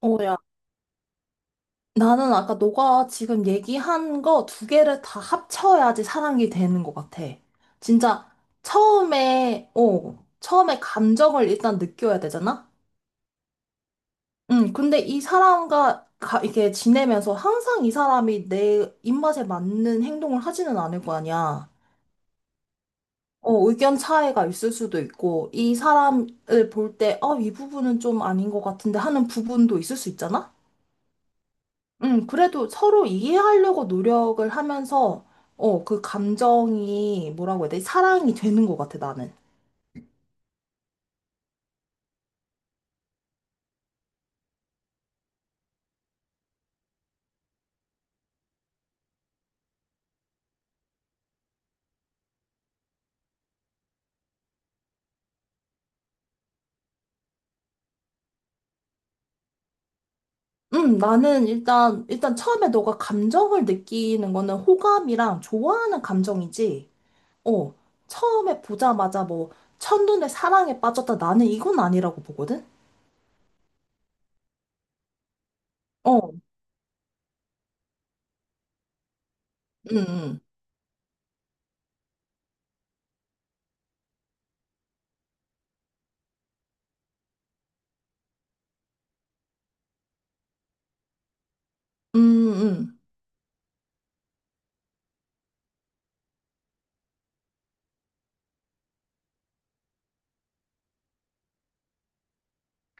야, 나는 아까 너가 지금 얘기한 거 두 개를 다 합쳐야지 사람이 되는 것 같아. 진짜 처음에, 처음에 감정을 일단 느껴야 되잖아? 응, 근데 이 사람과 이렇게 지내면서 항상 이 사람이 내 입맛에 맞는 행동을 하지는 않을 거 아니야. 의견 차이가 있을 수도 있고, 이 사람을 볼 때, 이 부분은 좀 아닌 것 같은데 하는 부분도 있을 수 있잖아? 그래도 서로 이해하려고 노력을 하면서, 그 감정이, 뭐라고 해야 되지? 사랑이 되는 것 같아, 나는. 나는 일단 처음에 너가 감정을 느끼는 거는 호감이랑 좋아하는 감정이지, 어, 처음에 보자마자 뭐, 첫눈에 사랑에 빠졌다, 나는 이건 아니라고 보거든? 어, 음, 음, 음, 음.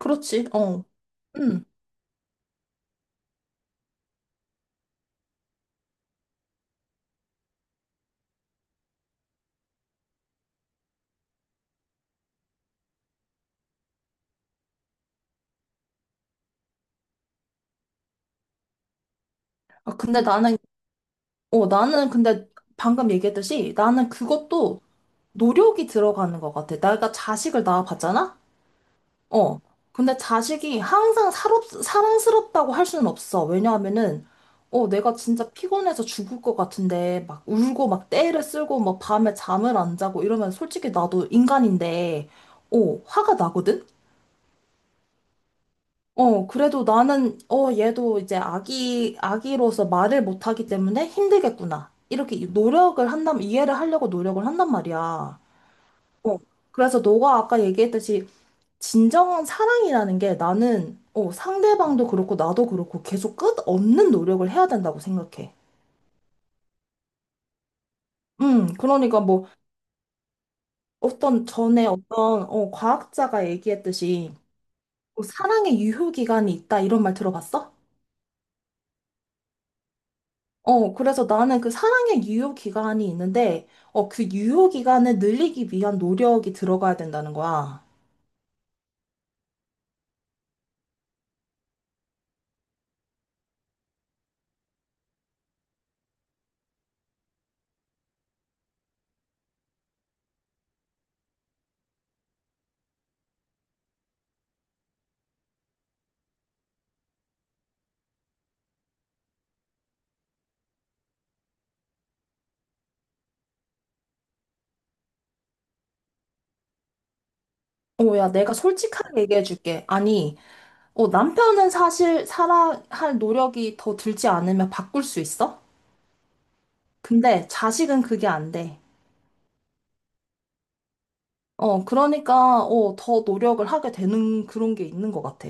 그렇지, 어. 음. 아, 근데 나는, 나는 근데 방금 얘기했듯이 나는 그것도 노력이 들어가는 것 같아. 내가 자식을 낳아봤잖아? 어. 근데 자식이 항상 사랑스럽다고 할 수는 없어. 왜냐하면은, 내가 진짜 피곤해서 죽을 것 같은데, 막 울고, 막 떼를 쓸고, 막 밤에 잠을 안 자고 이러면 솔직히 나도 인간인데, 화가 나거든? 어, 그래도 나는, 얘도 이제 아기로서 말을 못하기 때문에 힘들겠구나. 이렇게 노력을 한다면, 이해를 하려고 노력을 한단 말이야. 어, 그래서 너가 아까 얘기했듯이 진정한 사랑이라는 게 나는 상대방도 그렇고 나도 그렇고 계속 끝없는 노력을 해야 된다고 생각해. 그러니까 뭐 어떤 전에 어떤 과학자가 얘기했듯이 뭐 사랑의 유효 기간이 있다 이런 말 들어봤어? 어, 그래서 나는 그 사랑의 유효 기간이 있는데 그 유효 기간을 늘리기 위한 노력이 들어가야 된다는 거야. 어, 야, 내가 솔직하게 얘기해 줄게. 아니, 남편은 사실 사랑할 노력이 더 들지 않으면 바꿀 수 있어? 근데 자식은 그게 안 돼. 그러니까 더 노력을 하게 되는 그런 게 있는 것 같아.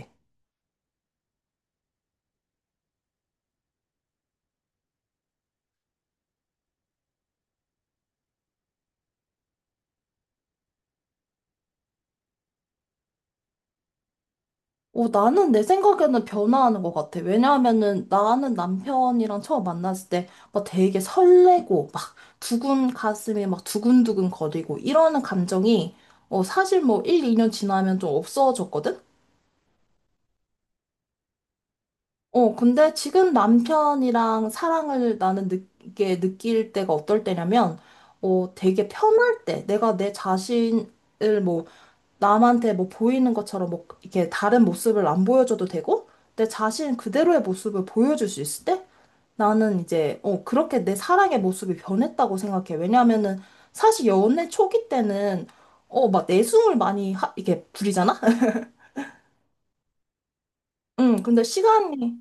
어, 나는 내 생각에는 변화하는 것 같아. 왜냐하면은 나는 남편이랑 처음 만났을 때 막 되게 설레고 막 두근 가슴이 막 두근두근 거리고 이러는 감정이 사실 뭐 1, 2년 지나면 좀 없어졌거든? 어, 근데 지금 남편이랑 사랑을 나는 느끼게 느낄 때가 어떨 때냐면 되게 편할 때 내가 내 자신 을뭐 남한테 뭐 보이는 것처럼 뭐 이렇게 다른 모습을 안 보여줘도 되고 내 자신 그대로의 모습을 보여줄 수 있을 때 나는 이제 어 그렇게 내 사랑의 모습이 변했다고 생각해. 왜냐하면은 사실 연애 초기 때는 어 막 내숭을 많이 이게 부리잖아. 응. 근데 시간이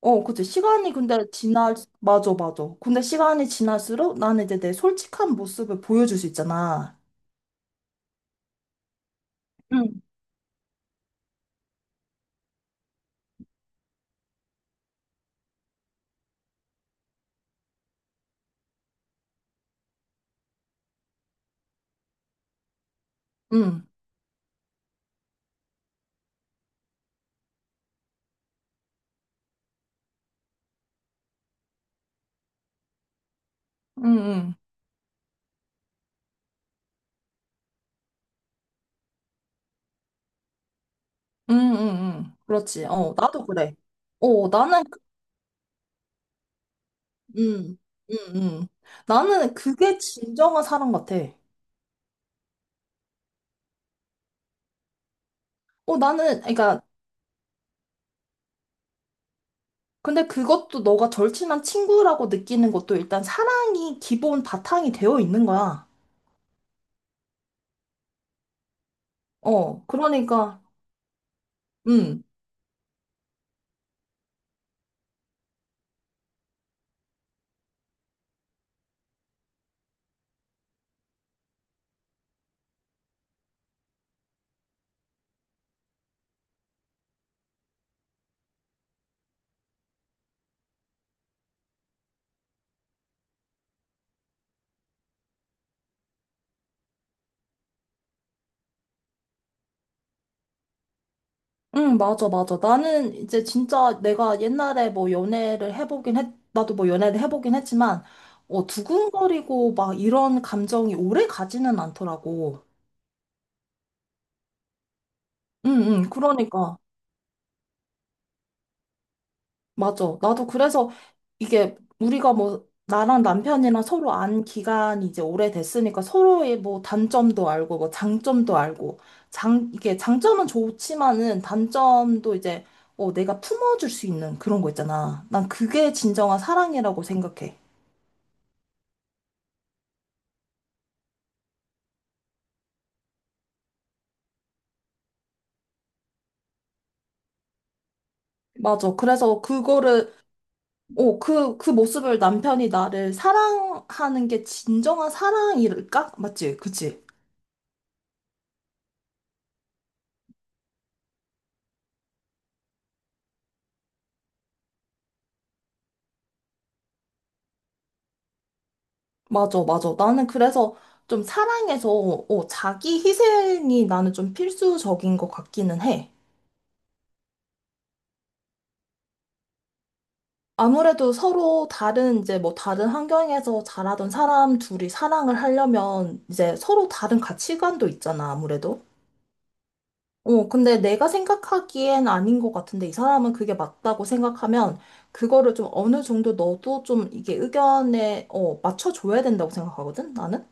어 그치 시간이 근데 지날 맞아 맞아. 근데 시간이 지날수록 나는 이제 내 솔직한 모습을 보여줄 수 있잖아. 응. 응. 응. 응. 응, 응, 응. 그렇지. 어, 나도 그래. 어, 나는, 그- 음, 음, 음. 나는 그게 진정한 사랑 같아. 어, 나는, 그러니까, 근데 그것도 너가 절친한 친구라고 느끼는 것도 일단 사랑이 기본 바탕이 되어 있는 거야. 어, 그러니까, 음, 맞아, 맞아. 나는 이제 진짜 내가 옛날에 뭐 나도 뭐 연애를 해보긴 했지만, 두근거리고 막 이런 감정이 오래 가지는 않더라고. 응, 응, 그러니까. 맞아. 나도 그래서 이게 우리가 뭐 나랑 남편이랑 서로 안 기간이 이제 오래됐으니까 서로의 뭐 단점도 알고 뭐 장점도 알고 장 이게 장점은 좋지만은 단점도 이제 어 내가 품어줄 수 있는 그런 거 있잖아. 난 그게 진정한 사랑이라고 생각해. 맞아. 그래서 그거를 모습을 남편이 나를 사랑하는 게 진정한 사랑일까? 맞지? 그치? 맞아, 맞아. 나는 그래서 좀 사랑에서 자기 희생이 나는 좀 필수적인 것 같기는 해. 아무래도 서로 다른 이제 뭐 다른 환경에서 자라던 사람 둘이 사랑을 하려면 이제 서로 다른 가치관도 있잖아, 아무래도. 어, 근데 내가 생각하기엔 아닌 것 같은데 이 사람은 그게 맞다고 생각하면 그거를 좀 어느 정도 너도 좀 이게 의견에 맞춰줘야 된다고 생각하거든, 나는?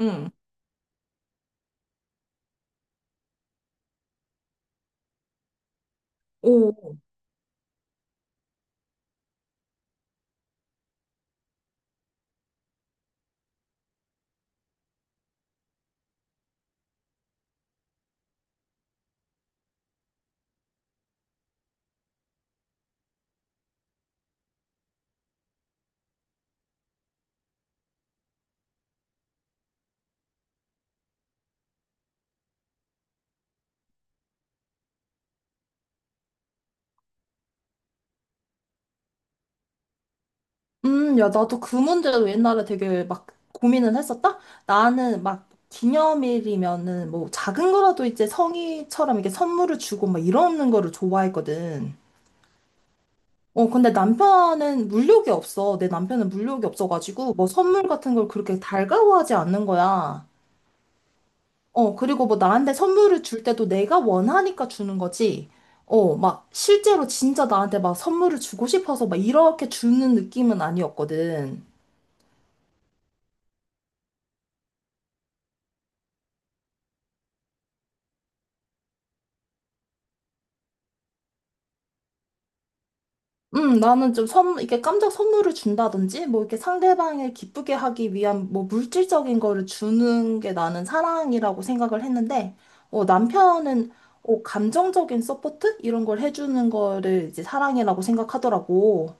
응. 야, 나도 그 문제로 옛날에 되게 막 고민을 했었다? 나는 막 기념일이면은 뭐 작은 거라도 이제 성의처럼 이렇게 선물을 주고 막 이러는 거를 좋아했거든. 어, 근데 남편은 물욕이 없어. 내 남편은 물욕이 없어가지고 뭐 선물 같은 걸 그렇게 달가워하지 않는 거야. 그리고 뭐 나한테 선물을 줄 때도 내가 원하니까 주는 거지. 막 실제로 진짜 나한테 막 선물을 주고 싶어서 막 이렇게 주는 느낌은 아니었거든. 나는 좀 이렇게 깜짝 선물을 준다든지, 뭐 이렇게 상대방을 기쁘게 하기 위한 뭐 물질적인 거를 주는 게 나는 사랑이라고 생각을 했는데, 어, 남편은 어, 감정적인 서포트? 이런 걸 해주는 거를 이제 사랑이라고 생각하더라고.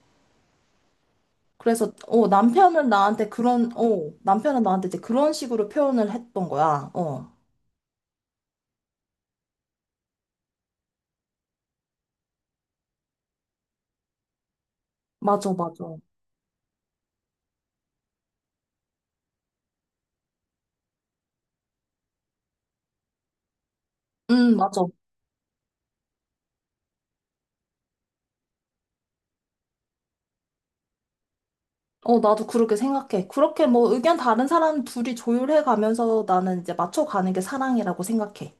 그래서 남편은 나한테 이제 그런 식으로 표현을 했던 거야. 어, 맞아, 맞아. 맞아. 어, 나도 그렇게 생각해. 그렇게 뭐 의견 다른 사람 둘이 조율해 가면서 나는 이제 맞춰 가는 게 사랑이라고 생각해.